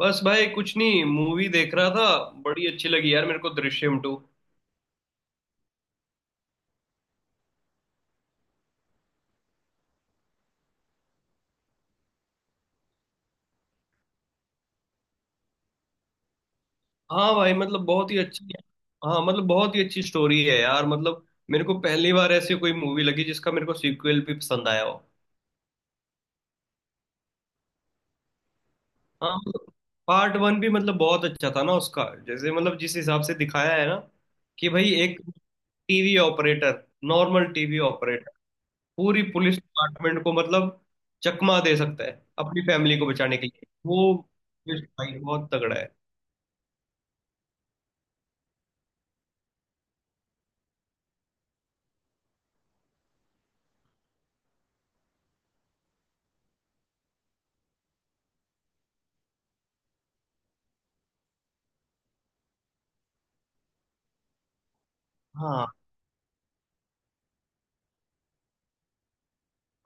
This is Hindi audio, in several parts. बस भाई कुछ नहीं, मूवी देख रहा था। बड़ी अच्छी लगी यार मेरे को दृश्यम टू। हाँ भाई मतलब बहुत ही अच्छी। हाँ मतलब बहुत ही अच्छी स्टोरी है यार मतलब। मेरे को पहली बार ऐसी कोई मूवी लगी जिसका मेरे को सीक्वल भी पसंद आया हो। हाँ मतलब पार्ट वन भी मतलब बहुत अच्छा था ना उसका, जैसे मतलब जिस हिसाब से दिखाया है ना कि भाई एक TV operator, normal TV operator, पूरी पुलिस डिपार्टमेंट को मतलब चकमा दे सकता है अपनी फैमिली को बचाने के लिए वो twist भाई बहुत तगड़ा है। हाँ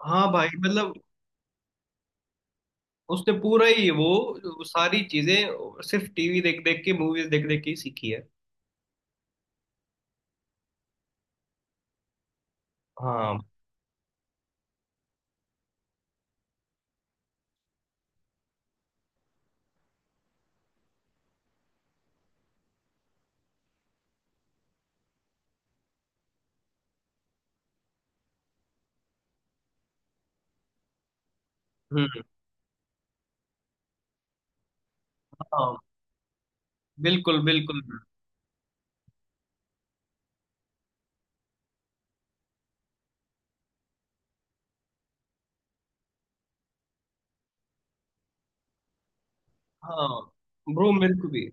हाँ भाई मतलब उसने पूरा ही वो सारी चीजें सिर्फ टीवी देख देख के मूवीज देख देख के ही सीखी है। हाँ। हम्म। हाँ बिल्कुल बिल्कुल। हाँ ब्रो मेरे को भी।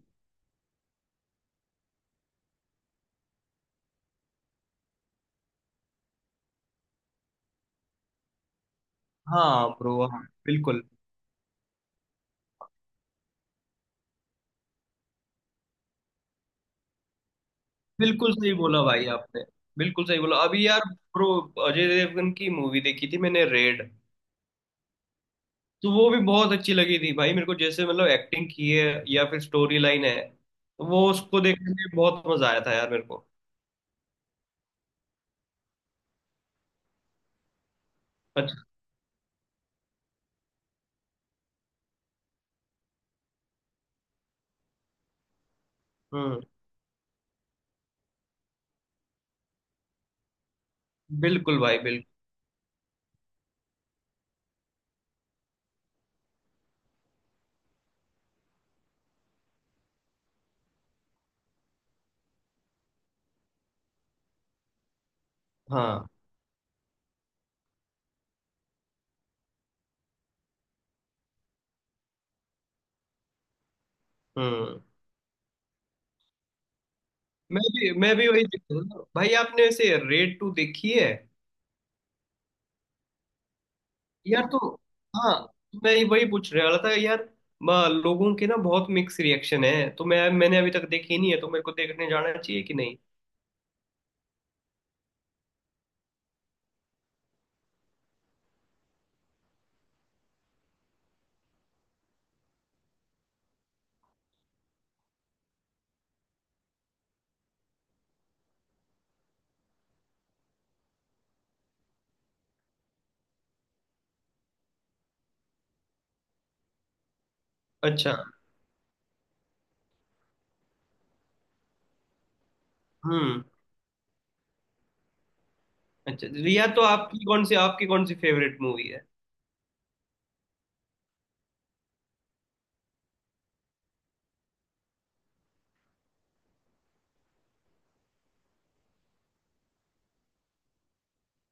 हाँ ब्रो हाँ बिल्कुल। बिल्कुल सही बोला भाई आपने। बिल्कुल सही बोला अभी यार। ब्रो अजय देवगन की मूवी देखी थी मैंने रेड। तो वो भी बहुत अच्छी लगी थी भाई मेरे को, जैसे मतलब एक्टिंग की है या फिर स्टोरी लाइन है। वो उसको देखने में बहुत मजा आया था यार मेरे को। अच्छा। हम्म। बिल्कुल भाई बिल्कुल। हाँ। हम्म। मैं भी वही देख रहा था। भाई आपने ऐसे रेड टू देखी है? यार तो हाँ, तो मैं वही पूछ रहा था यार लोगों के ना बहुत मिक्स रिएक्शन है तो मैंने अभी तक देखी नहीं है तो मेरे को देखने जाना चाहिए कि नहीं। अच्छा। हम्म। अच्छा यार तो आपकी कौन सी फेवरेट मूवी है?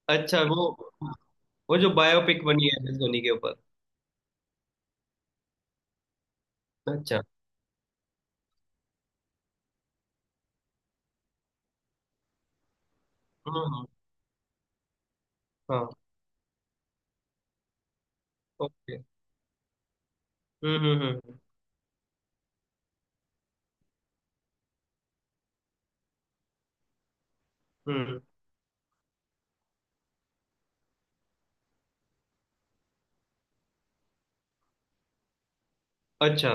अच्छा वो जो बायोपिक बनी है एम एस धोनी के ऊपर। अच्छा। हम्म। हाँ ओके। हम्म। हम्म। अच्छा।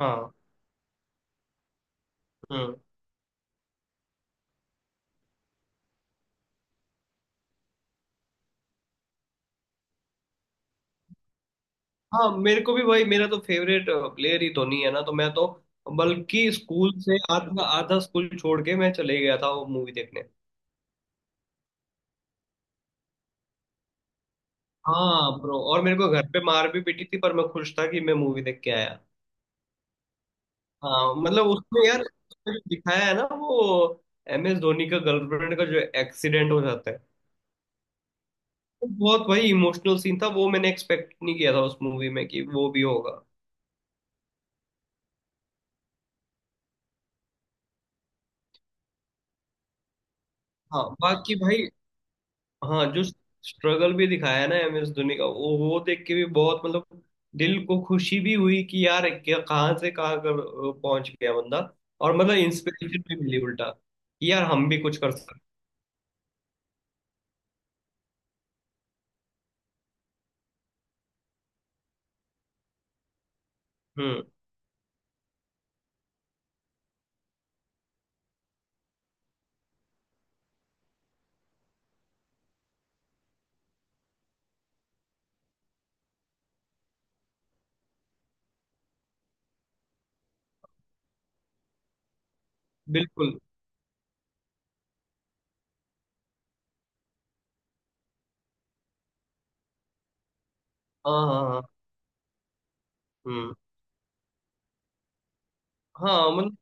हाँ। हम्म। हाँ मेरे को भी भाई, मेरा तो फेवरेट प्लेयर ही धोनी है ना, तो मैं तो बल्कि स्कूल से आधा आधा स्कूल छोड़ के मैं चले गया था वो मूवी देखने। हाँ ब्रो, और मेरे को घर पे मार भी पीटी थी पर मैं खुश था कि मैं मूवी देख के आया। हाँ मतलब उसमें यार, उसमें जो दिखाया है ना वो एम एस धोनी का गर्लफ्रेंड का जो एक्सीडेंट हो जाता है, वो बहुत भाई इमोशनल सीन था, वो मैंने एक्सपेक्ट नहीं किया था उस मूवी में कि वो भी होगा। हाँ बाकी भाई। हाँ जो स्ट्रगल भी दिखाया है ना एम एस धोनी का वो देख के भी बहुत मतलब दिल को खुशी भी हुई कि यार क्या कहाँ से कहाँ कर पहुंच गया बंदा। और मतलब इंस्पिरेशन भी मिली उल्टा कि यार हम भी कुछ कर सकते हैं। हम्म। बिल्कुल। हाँ हाँ हाँ। हम्म। हाँ मतलब।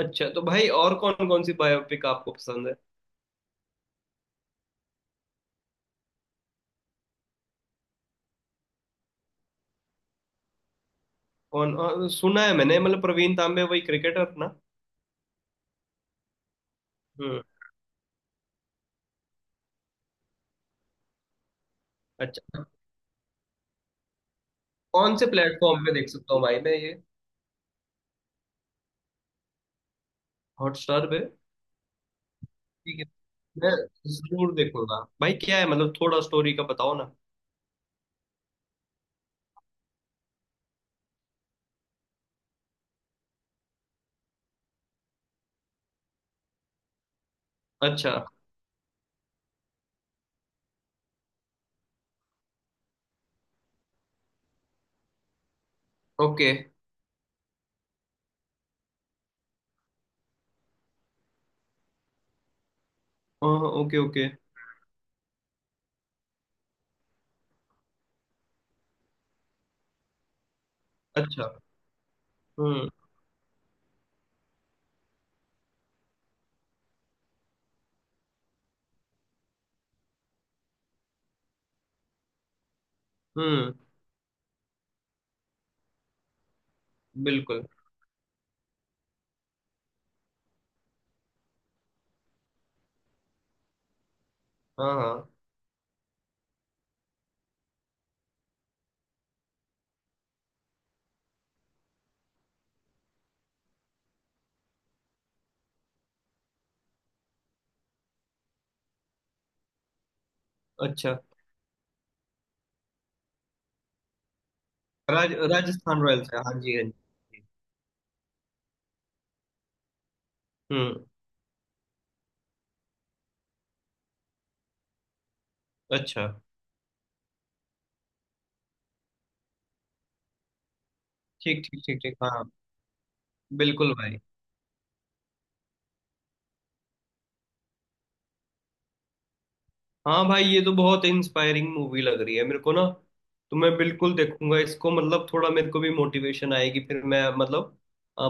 अच्छा तो भाई और कौन कौन सी बायोपिक आपको पसंद है? कौन। सुना है मैंने मतलब प्रवीण तांबे वही क्रिकेटर ना। हम्म। अच्छा। कौन से प्लेटफॉर्म पे देख सकता हूँ भाई मैं ये? हॉटस्टार पे। ठीक। मैं जरूर देखूंगा भाई, क्या है मतलब थोड़ा स्टोरी का बताओ ना। अच्छा। ओके। हाँ ओके ओके। अच्छा। हम्म हम्म। बिल्कुल। हाँ हाँ। अच्छा राजस्थान रॉयल्स है, हाँ जी हाँ जी। हम्म। अच्छा। ठीक ठीक ठीक ठीक हाँ। बिल्कुल भाई। हाँ भाई ये तो बहुत इंस्पायरिंग मूवी लग रही है मेरे को ना, तो मैं बिल्कुल देखूंगा इसको, मतलब थोड़ा मेरे को भी मोटिवेशन आएगी फिर मैं मतलब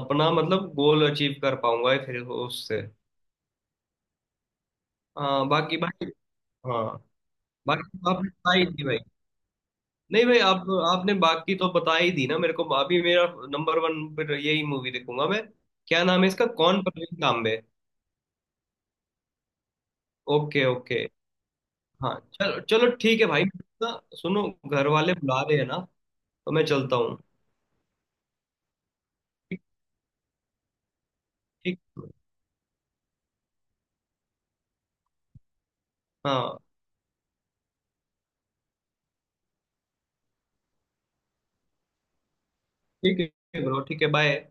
अपना मतलब गोल अचीव कर पाऊंगा फिर उससे। हाँ बाकी भाई। हाँ बाकी तो आपने बताई नहीं भाई। नहीं भाई, आप आपने बाकी तो बता ही दी ना मेरे को अभी। मेरा नंबर वन पर यही मूवी देखूंगा मैं। क्या नाम है इसका, कौन परवीन तांबे। Okay okay. हाँ चलो चलो ठीक है भाई। ना सुनो घर वाले बुला रहे हैं ना, तो मैं चलता हूँ। ठीक। ठीक हाँ ठीक है ब्रो ठीक है बाय।